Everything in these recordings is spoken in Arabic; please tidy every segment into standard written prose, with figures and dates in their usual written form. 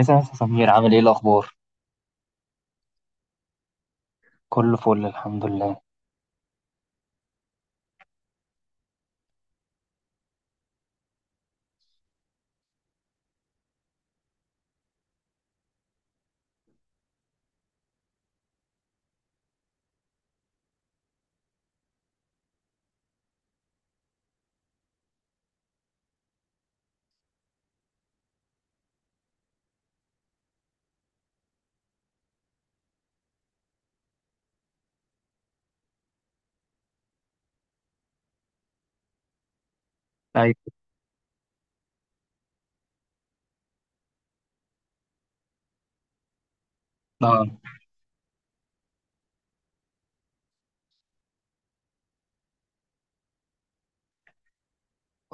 مساء يا أستاذ سمير، عامل ايه الاخبار؟ كله فل الحمد لله. ايوه. اه،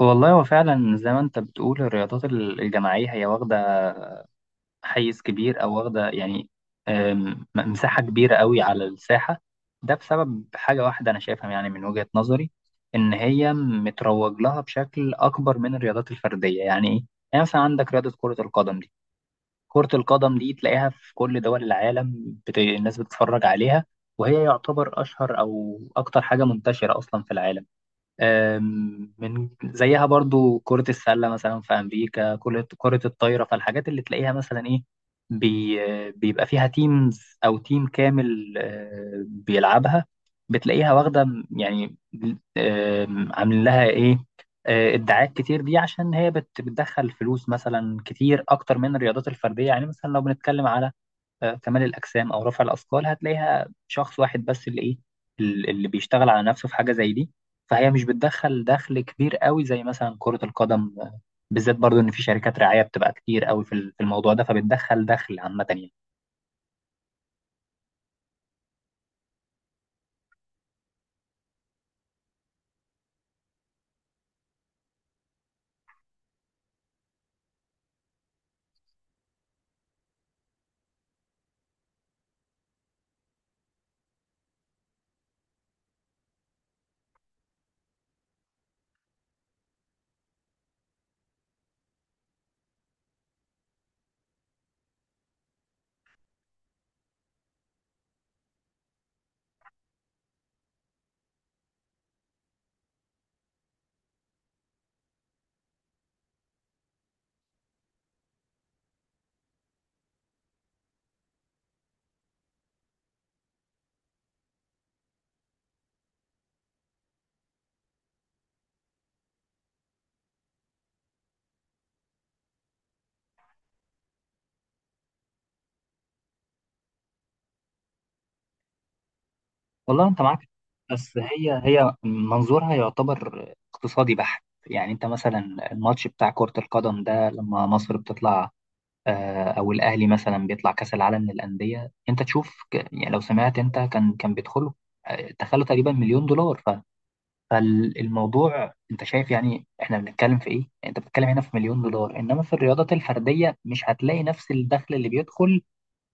والله هو فعلا زي ما انت بتقول الرياضات الجماعيه هي واخده حيز كبير او واخده يعني مساحه كبيره قوي على الساحه. ده بسبب حاجه واحده انا شايفها، يعني من وجهه نظري، ان هي متروج لها بشكل اكبر من الرياضات الفرديه. يعني ايه؟ يعني مثلا عندك رياضه كره القدم دي. كرة القدم دي تلاقيها في كل دول العالم، الناس بتتفرج عليها، وهي يعتبر أشهر أو أكتر حاجة منتشرة أصلا في العالم. من زيها برضو كرة السلة مثلا في أمريكا، كرة الطايرة. فالحاجات اللي تلاقيها مثلا إيه، بيبقى فيها تيمز أو تيم كامل، بيلعبها، بتلاقيها واخدة يعني عاملين لها إيه، ادعاءات كتير، دي عشان هي بتدخل فلوس مثلا كتير أكتر من الرياضات الفردية. يعني مثلا لو بنتكلم على كمال الأجسام أو رفع الأثقال، هتلاقيها شخص واحد بس اللي إيه، اللي بيشتغل على نفسه في حاجة زي دي. فهي مش بتدخل دخل كبير قوي زي مثلا كرة القدم، بالذات برضو إن في شركات رعاية بتبقى كتير قوي في الموضوع ده، فبتدخل دخل عامة يعني. والله أنت معاك، بس هي هي منظورها يعتبر اقتصادي بحت. يعني أنت مثلا الماتش بتاع كرة القدم ده لما مصر بتطلع او الاهلي مثلا بيطلع كاس العالم للانديه، انت تشوف، يعني لو سمعت، انت كان بيدخله دخله تقريبا مليون دولار. فالموضوع انت شايف يعني احنا بنتكلم في ايه؟ انت بتتكلم هنا في مليون دولار، انما في الرياضات الفرديه مش هتلاقي نفس الدخل اللي بيدخل،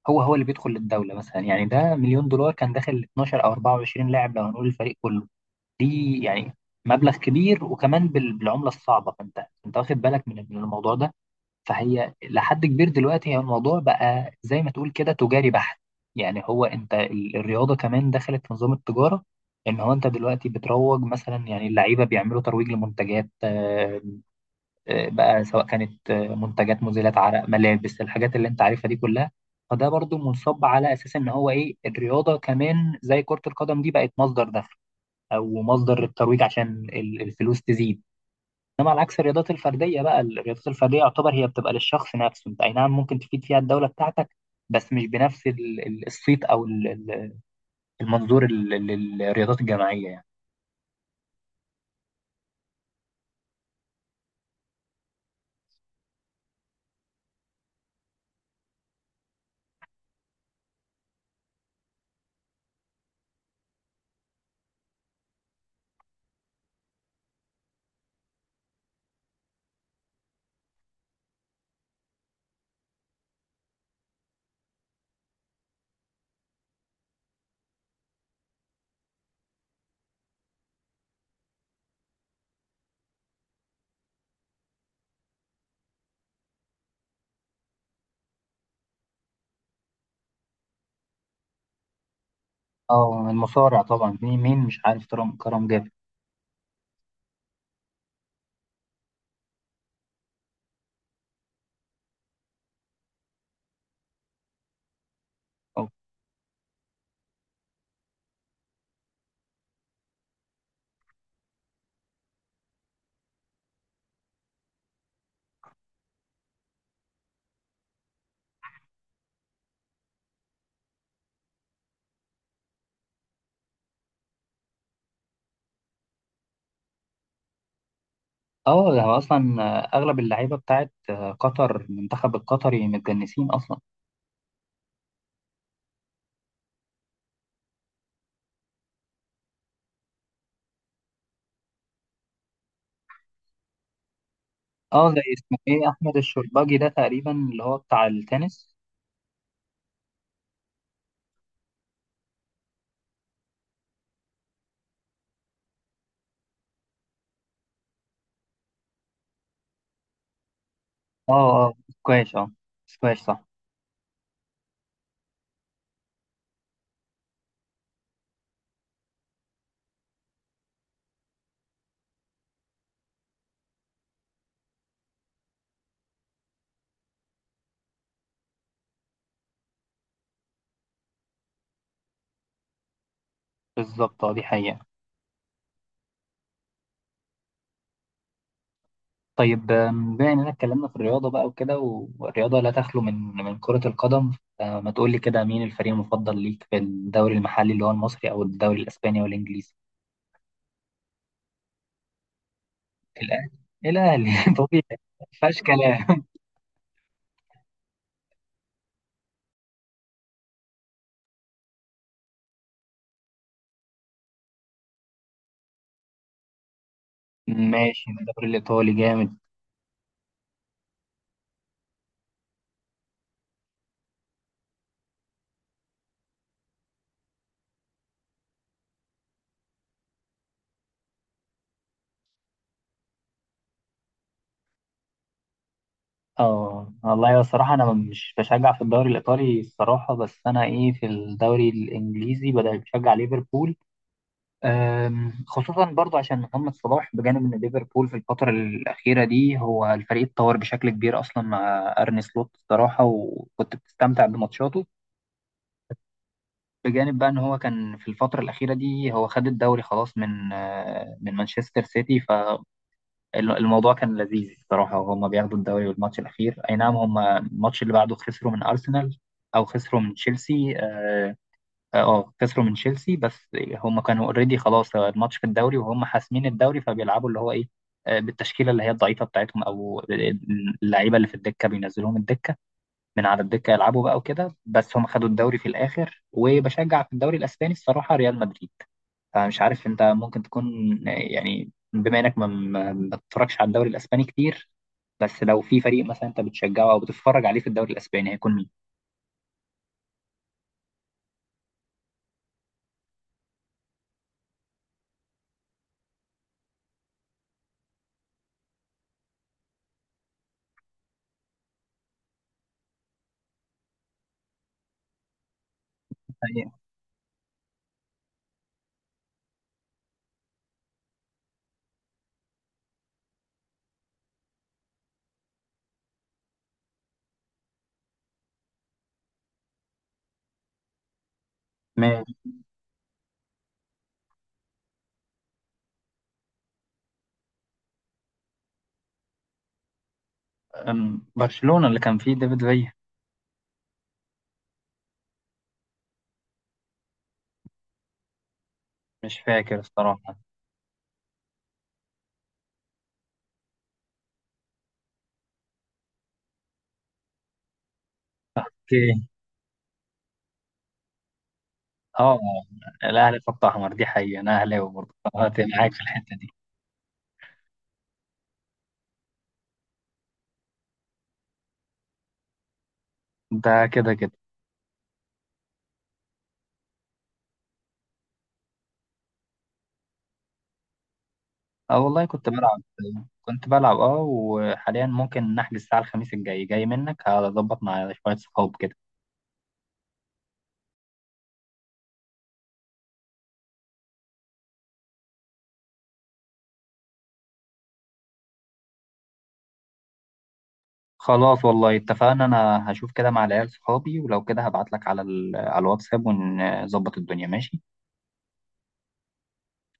هو هو اللي بيدخل للدوله مثلا. يعني ده مليون دولار كان داخل 12 او 24 لاعب لو هنقول الفريق كله. دي يعني مبلغ كبير، وكمان بالعمله الصعبه. فانت، انت واخد بالك من الموضوع ده. فهي لحد كبير دلوقتي هي الموضوع بقى زي ما تقول كده تجاري بحت. يعني هو، انت الرياضة كمان دخلت في نظام التجارة. ان هو انت دلوقتي بتروج مثلا، يعني اللعيبة بيعملوا ترويج لمنتجات، بقى سواء كانت منتجات مزيلة عرق، ملابس، الحاجات اللي انت عارفها دي كلها. فده برضو منصب على اساس ان هو ايه الرياضة كمان زي كرة القدم دي بقت مصدر دخل او مصدر الترويج، عشان الفلوس تزيد. انما على عكس الرياضات الفرديه، بقى الرياضات الفرديه يعتبر هي بتبقى للشخص نفسه. انت اي نعم ممكن تفيد فيها الدوله بتاعتك، بس مش بنفس الصيت او المنظور للرياضات الجماعيه يعني. اه المصارع طبعا، مين مين مش عارف كرم جابر. اه. ده هو اصلا، اغلب اللعيبه بتاعت قطر، المنتخب القطري متجنسين اصلا. اه زي اسمه ايه احمد الشرباجي ده تقريبا اللي هو بتاع التنس. اه اه، سكواش اه. سكواش صح. بالظبط اه، دي حقيقة. طيب بما اننا اتكلمنا في الرياضه بقى وكده، والرياضه لا تخلو من كره القدم. فما تقول لي كده، مين الفريق المفضل ليك في الدوري المحلي اللي هو المصري، او الدوري الاسباني، او الانجليزي؟ الاهلي. الاهلي طبيعي. ما فيهاش كلام. ماشي الدوري الايطالي جامد. اه والله الصراحه انا مش بشجع في الدوري الايطالي الصراحه، بس انا ايه، في الدوري الانجليزي بدأت بشجع ليفربول، خصوصا برضو عشان محمد صلاح، بجانب ان ليفربول في الفترة الأخيرة دي هو الفريق اتطور بشكل كبير أصلا مع أرني سلوت الصراحة، وكنت بتستمتع بماتشاته. بجانب بقى ان هو كان في الفترة الأخيرة دي هو خد الدوري خلاص من مانشستر سيتي. فالموضوع كان لذيذ الصراحة، وهما بياخدوا الدوري، والماتش الأخير أي نعم هما الماتش اللي بعده خسروا من أرسنال أو خسروا من تشيلسي. اه، خسروا من تشيلسي، بس هم كانوا اوريدي خلاص الماتش في الدوري وهم حاسمين الدوري، فبيلعبوا اللي هو ايه، بالتشكيله اللي هي الضعيفه بتاعتهم، او اللعيبه اللي في الدكه بينزلوهم الدكه، من على الدكه يلعبوا بقى وكده. بس هم خدوا الدوري في الاخر. وبشجع في الدوري الاسباني الصراحه ريال مدريد. فمش عارف انت ممكن تكون، يعني بما انك ما بتتفرجش على الدوري الاسباني كتير، بس لو في فريق مثلا انت بتشجعه او بتتفرج عليه في الدوري الاسباني هيكون مين؟ يعني ما، برشلونة اللي كان فيه ديفيد فيا. مش فاكر الصراحة. اوكي. اه. الأهلي خط أحمر، دي حقيقة، أنا أهلاوي برضه فأنت معاك في الحتة دي. ده كده كده. اه والله كنت بلعب. كنت بلعب اه، وحاليا ممكن نحجز الساعة الخميس الجاي، جاي منك هظبط مع شوية صحاب كده. خلاص والله اتفقنا، أنا هشوف كده مع العيال صحابي، ولو كده هبعتلك على الواتساب ونظبط الدنيا ماشي.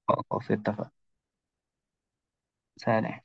خلاص اتفقنا. سلام.